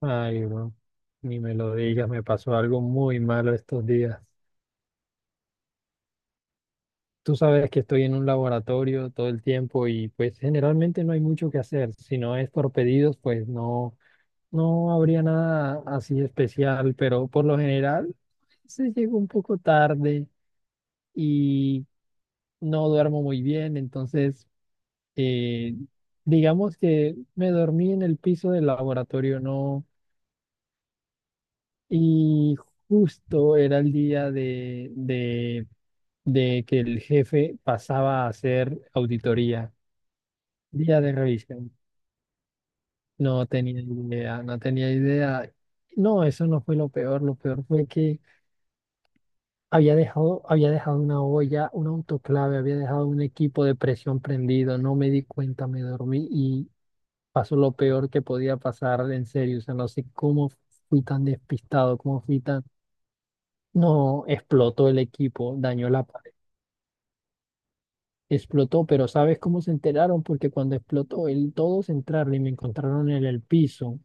Ay, bro, ni me lo digas, me pasó algo muy malo estos días. Tú sabes que estoy en un laboratorio todo el tiempo y pues generalmente no hay mucho que hacer. Si no es por pedidos, pues no, no habría nada así especial, pero por lo general se llega un poco tarde y no duermo muy bien, entonces eh, digamos que me dormí en el piso del laboratorio, no. Y justo era el día de que el jefe pasaba a hacer auditoría, día de revisión. No tenía idea, no tenía idea. No, eso no fue lo peor. Lo peor fue que había dejado una olla, un autoclave, había dejado un equipo de presión prendido. No me di cuenta, me dormí y pasó lo peor que podía pasar, en serio. O sea, no sé cómo fui tan despistado, cómo fui tan... No, explotó el equipo, dañó la pared. Explotó, pero ¿sabes cómo se enteraron? Porque cuando explotó, todos entraron y me encontraron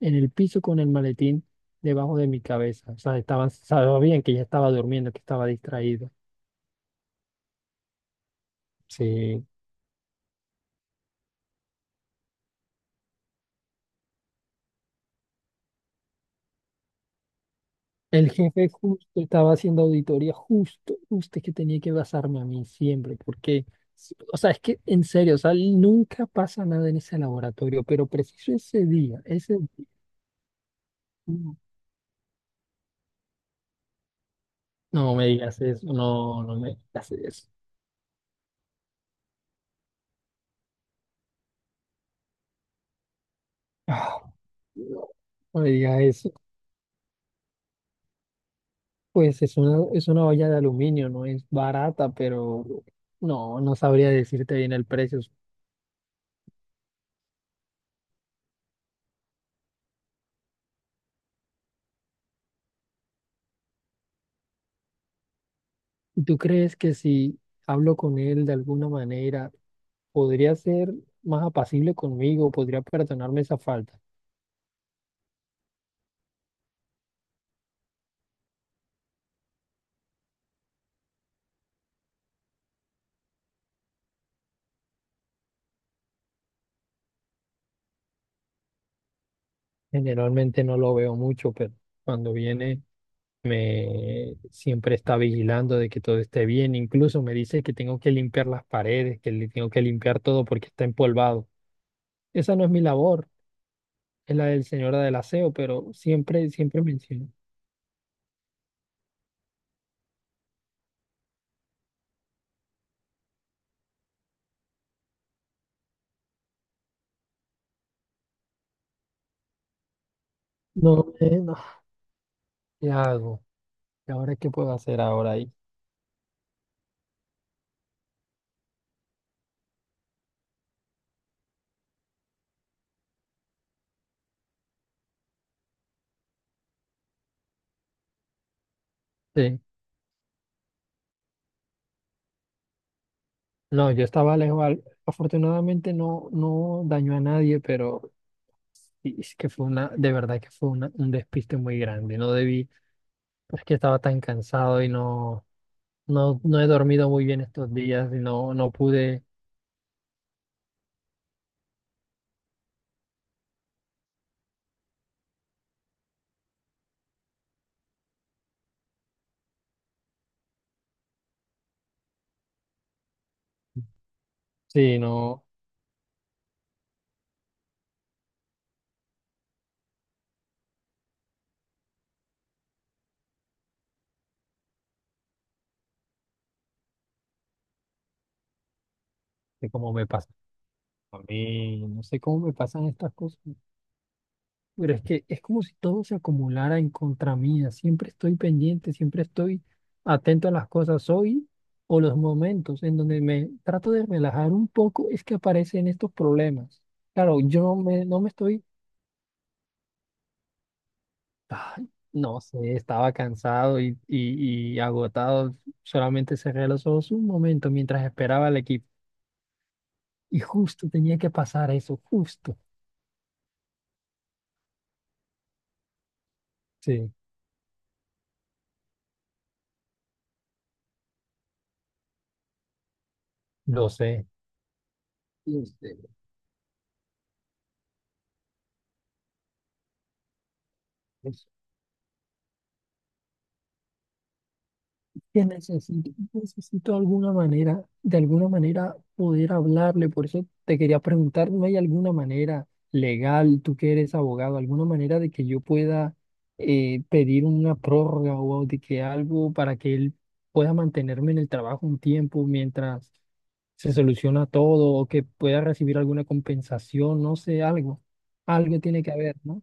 en el piso con el maletín debajo de mi cabeza. O sea, estaban, sabían que ya estaba durmiendo, que estaba distraído. Sí. El jefe justo estaba haciendo auditoría, justo, justo es que tenía que basarme a mí siempre, porque, o sea, es que en serio, o sea, nunca pasa nada en ese laboratorio, pero preciso ese día, ese... No me digas eso, no, no me digas eso. Ah, no, no me digas eso. Pues es una olla de aluminio, no es barata, pero no, no sabría decirte bien el precio. ¿Tú crees que si hablo con él de alguna manera, podría ser más apacible conmigo, podría perdonarme esa falta? Generalmente no lo veo mucho, pero cuando viene... Me siempre está vigilando de que todo esté bien. Incluso me dice que tengo que limpiar las paredes, que le tengo que limpiar todo porque está empolvado. Esa no es mi labor, es la del señora del aseo, pero siempre, siempre menciona. No, no, ¿qué hago? ¿Y ahora qué puedo hacer ahora ahí? Sí. No, yo estaba lejos. Afortunadamente no, no dañó a nadie, pero sí, es que de verdad que fue un despiste muy grande. No debí, es que estaba tan cansado y no. No, no he dormido muy bien estos días y no, no pude, sí, no sé cómo me pasa a mí, no sé cómo me pasan estas cosas, pero es que es como si todo se acumulara en contra mía, siempre estoy pendiente, siempre estoy atento a las cosas hoy o los momentos en donde me trato de relajar un poco, es que aparecen estos problemas. Claro, yo no me estoy, ay, no sé, estaba cansado y agotado, solamente cerré los ojos un momento mientras esperaba al equipo. Y justo tenía que pasar eso, justo. Sí, lo sé. Y este, pues, que necesito, necesito alguna manera, de alguna manera poder hablarle. Por eso te quería preguntar, ¿no hay alguna manera legal, tú que eres abogado, alguna manera de que yo pueda pedir una prórroga o de que algo para que él pueda mantenerme en el trabajo un tiempo mientras se soluciona todo o que pueda recibir alguna compensación, no sé, algo. Algo tiene que haber, ¿no?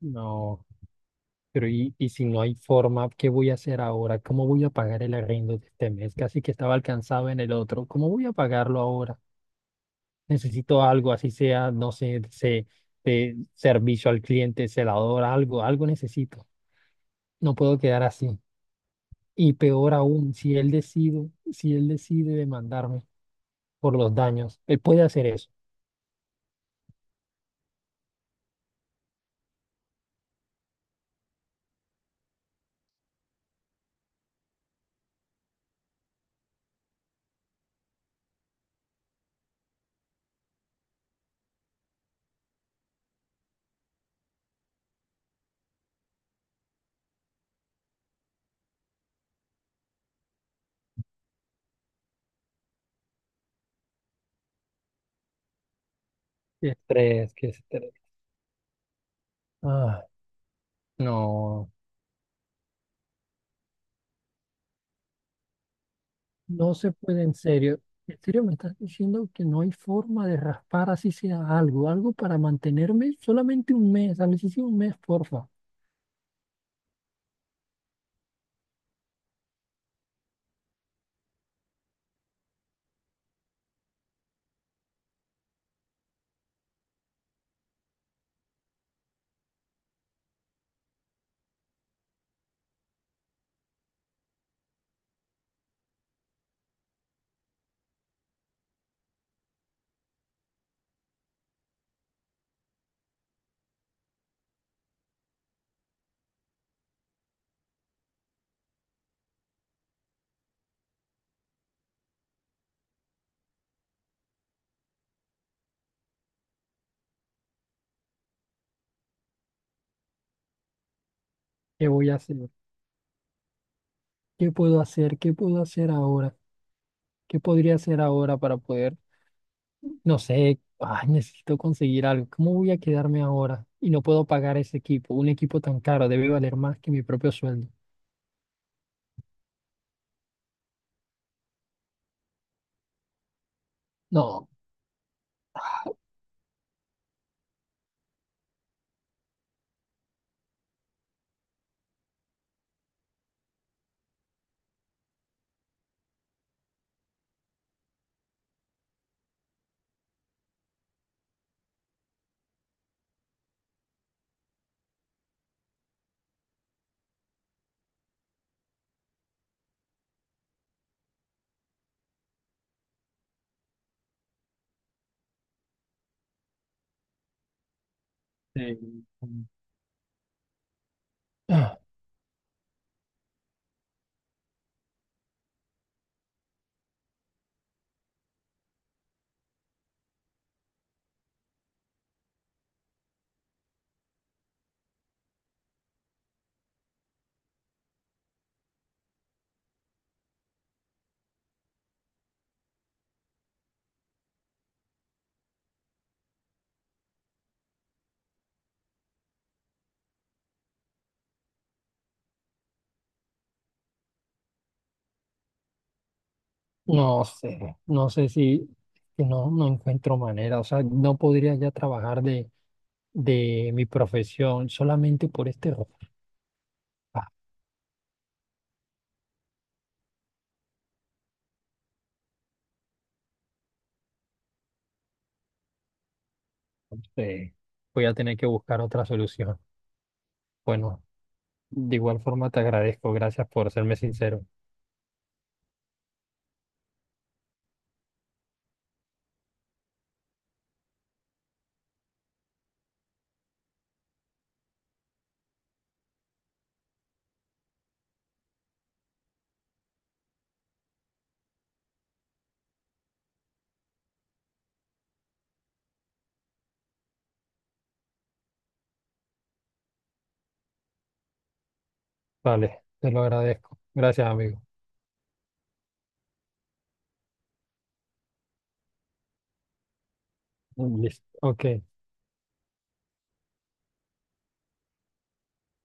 No, pero y si no hay forma, ¿qué voy a hacer ahora? ¿Cómo voy a pagar el arriendo de este mes? Casi que estaba alcanzado en el otro. ¿Cómo voy a pagarlo ahora? Necesito algo, así sea, no sé, de servicio al cliente, celador, algo, algo necesito. No puedo quedar así. Y peor aún, si él decide demandarme por los daños, él puede hacer eso. Qué estrés, qué estrés. Ah, no. No se puede, en serio. En serio, me estás diciendo que no hay forma de raspar así sea algo, algo para mantenerme solamente un mes, a sí un mes, porfa. ¿Qué voy a hacer? ¿Qué puedo hacer? ¿Qué puedo hacer ahora? ¿Qué podría hacer ahora para poder, no sé, ay, necesito conseguir algo? ¿Cómo voy a quedarme ahora? Y no puedo pagar ese equipo, un equipo tan caro debe valer más que mi propio sueldo. No. Sí. No sé, no sé si que no, no encuentro manera, o sea, no podría ya trabajar de mi profesión solamente por este rojo. Ah, no sé, voy a tener que buscar otra solución. Bueno, de igual forma te agradezco, gracias por serme sincero. Vale, te lo agradezco. Gracias, amigo. Listo. Ok.